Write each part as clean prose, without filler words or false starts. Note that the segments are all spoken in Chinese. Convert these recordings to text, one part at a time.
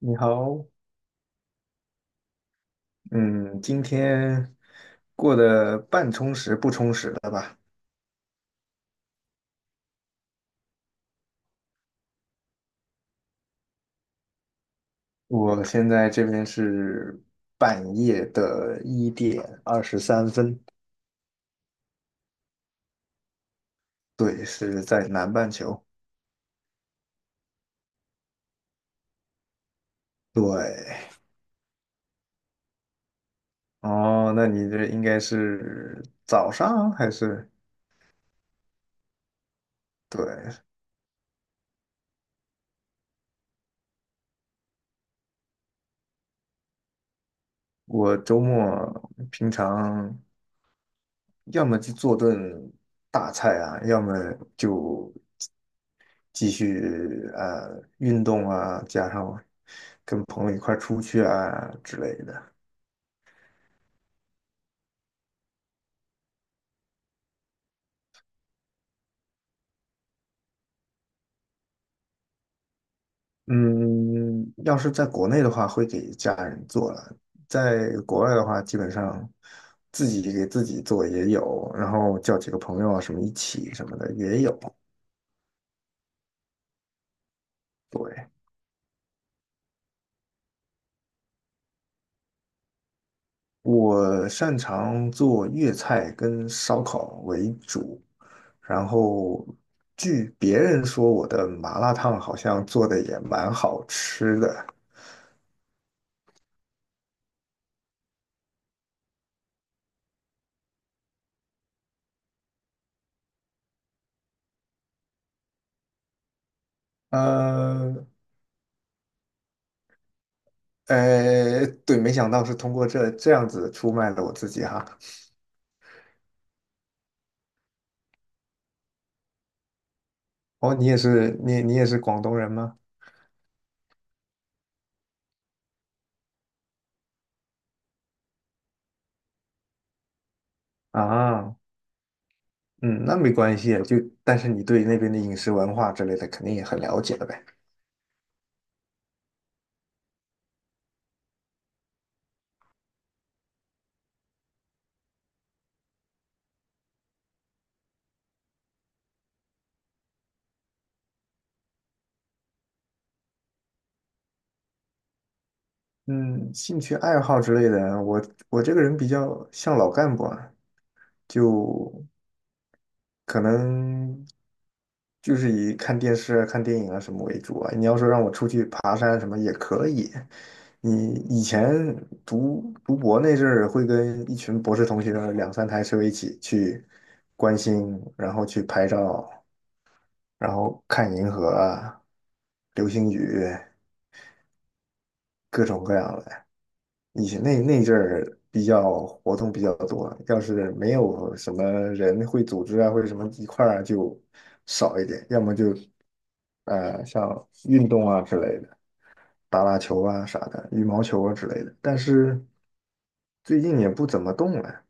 你好。嗯，今天过得半充实不充实的吧？我现在这边是半夜的1点23分，对，是在南半球。对。哦，那你这应该是早上还是？对，我周末平常。要么就做顿大菜啊，要么就继续运动啊，加上跟朋友一块儿出去啊之类的。嗯，要是在国内的话，会给家人做了；在国外的话，基本上自己给自己做也有，然后叫几个朋友啊什么一起什么的也有。对，我擅长做粤菜跟烧烤为主。然后据别人说，我的麻辣烫好像做的也蛮好吃的。呃，对，没想到是通过这样子出卖了我自己哈。哦，你也是，你也是广东人吗？啊，嗯，那没关系啊，就但是你对那边的饮食文化之类的肯定也很了解了呗。嗯，兴趣爱好之类的，我这个人比较像老干部啊，就可能就是以看电视啊、看电影啊什么为主啊。你要说让我出去爬山什么也可以。你以前读博那阵儿，会跟一群博士同学两三台车一起去观星，然后去拍照，然后看银河啊、流星雨，各种各样的。以前那阵儿比较活动比较多，要是没有什么人会组织啊，或者什么一块儿啊就少一点，要么就像运动啊之类的，打打球啊啥的，羽毛球啊之类的。但是最近也不怎么动了。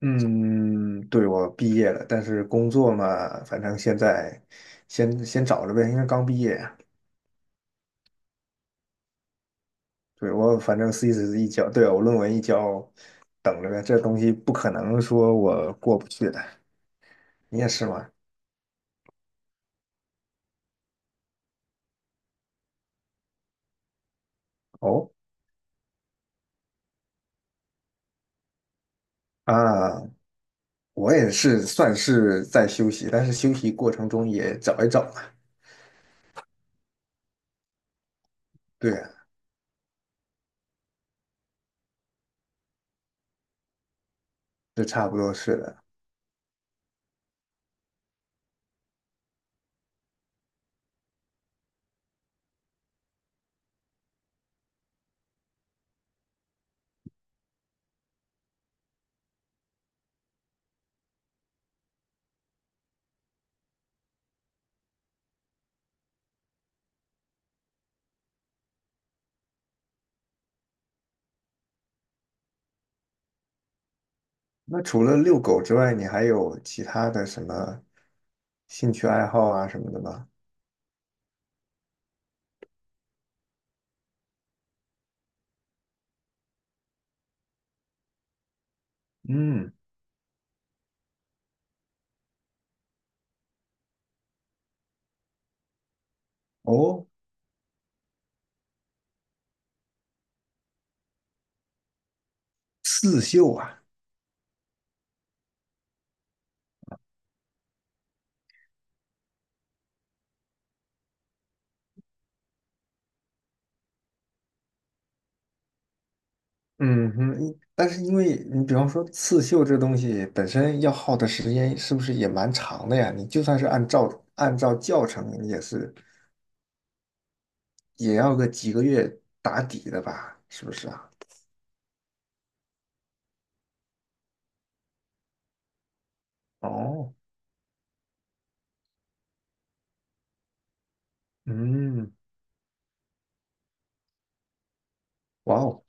嗯，对，我毕业了，但是工作嘛，反正现在先找着呗，因为刚毕业啊对，我反正 thesis 一交，对啊，我论文一交，等着呗。这东西不可能说我过不去的。你也是吗？哦，啊，我也是算是在休息，但是休息过程中也找一找嘛。对啊，这差不多是的。那除了遛狗之外，你还有其他的什么兴趣爱好啊什么的吗？嗯，哦，刺绣啊，嗯哼，因但是因为你比方说刺绣这东西本身要耗的时间是不是也蛮长的呀？你就算是按照教程，也是也要个几个月打底的吧？是不是啊？哦，嗯，哇哦，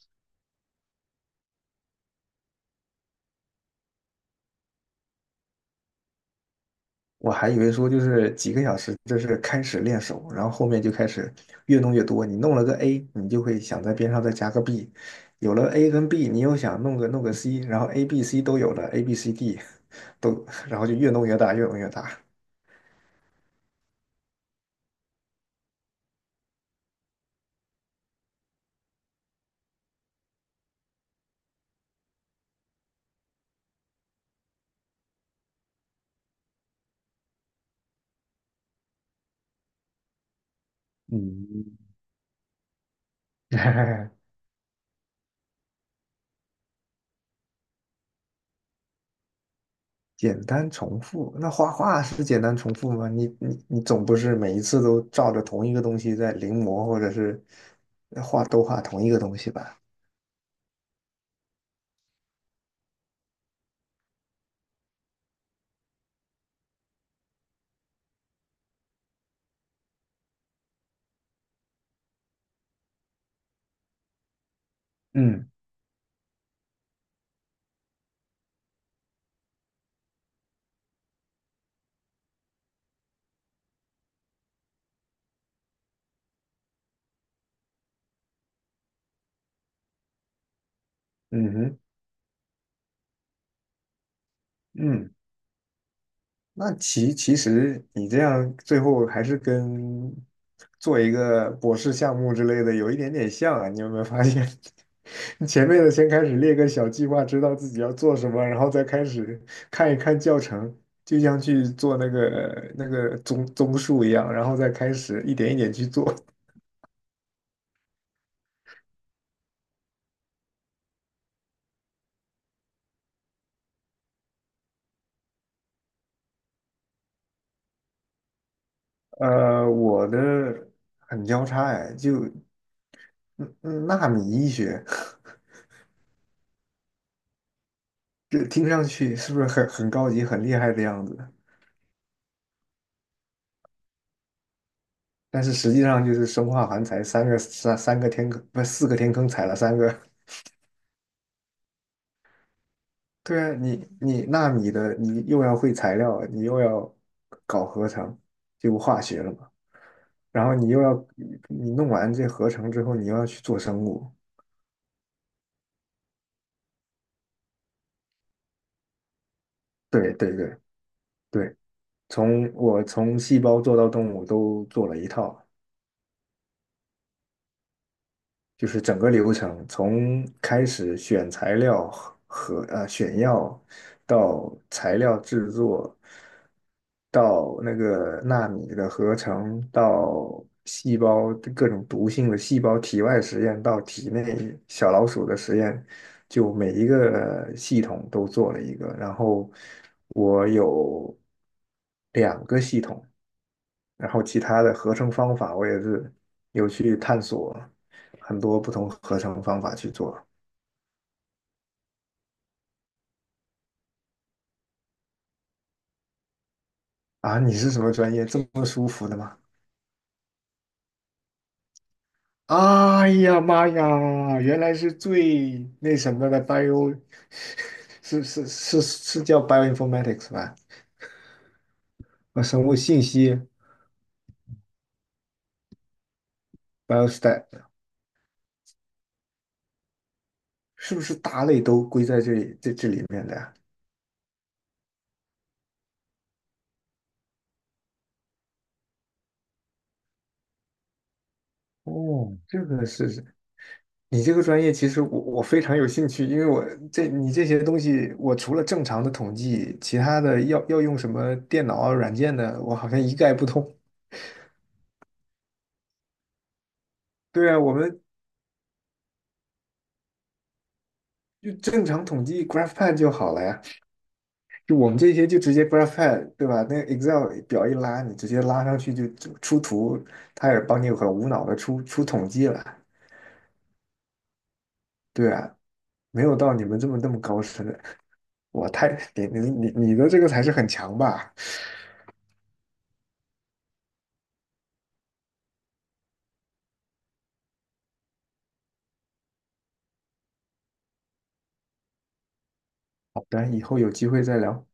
我还以为说就是几个小时，这是开始练手，然后后面就开始越弄越多。你弄了个 A,你就会想在边上再加个 B,有了 A 跟 B,你又想弄个 C,然后 A、B、C 都有了，A、B、C、D 都，然后就越弄越大，越弄越大。嗯，简单重复，那画画是简单重复吗？你总不是每一次都照着同一个东西在临摹，或者是画都画同一个东西吧？嗯嗯哼嗯。那其实你这样最后还是跟做一个博士项目之类的有一点点像啊，你有没有发现？你前面的先开始列个小计划，知道自己要做什么，然后再开始看一看教程，就像去做那个综述一样，然后再开始一点一点去做。呃，我的很交叉哎，就嗯纳米医学，这听上去是不是很高级、很厉害的样子？但是实际上就是生化环材三个天坑，不是四个天坑踩了三个。对啊，你纳米的，你又要会材料，你又要搞合成，就化学了嘛。然后你又要你弄完这合成之后，你又要去做生物。对对对对，从细胞做到动物都做了一套。就是整个流程，从开始选材料和选药，到材料制作，到那个纳米的合成，到细胞各种毒性的细胞体外实验，到体内小老鼠的实验，就每一个系统都做了一个。然后我有两个系统，然后其他的合成方法，我也是有去探索很多不同合成方法去做。啊，你是什么专业？这么舒服的吗？哎呀妈呀，原来是最那什么的 bio,是是是是叫 bioinformatics 吧？啊，生物信息 biostat 是不是大类都归在这里面的呀？哦，这个是。你这个专业其实我非常有兴趣，因为我你这些东西，我除了正常的统计，其他的要用什么电脑啊、软件的，我好像一概不通。对啊，我们就正常统计 GraphPad 就好了呀，就我们这些就直接 GraphPad,对吧？那个 Excel 表一拉，你直接拉上去就出图，它也帮你很无脑的出统计了。对啊，没有到你们这么那么高深的，我太你的这个才是很强吧？好的，以后有机会再聊。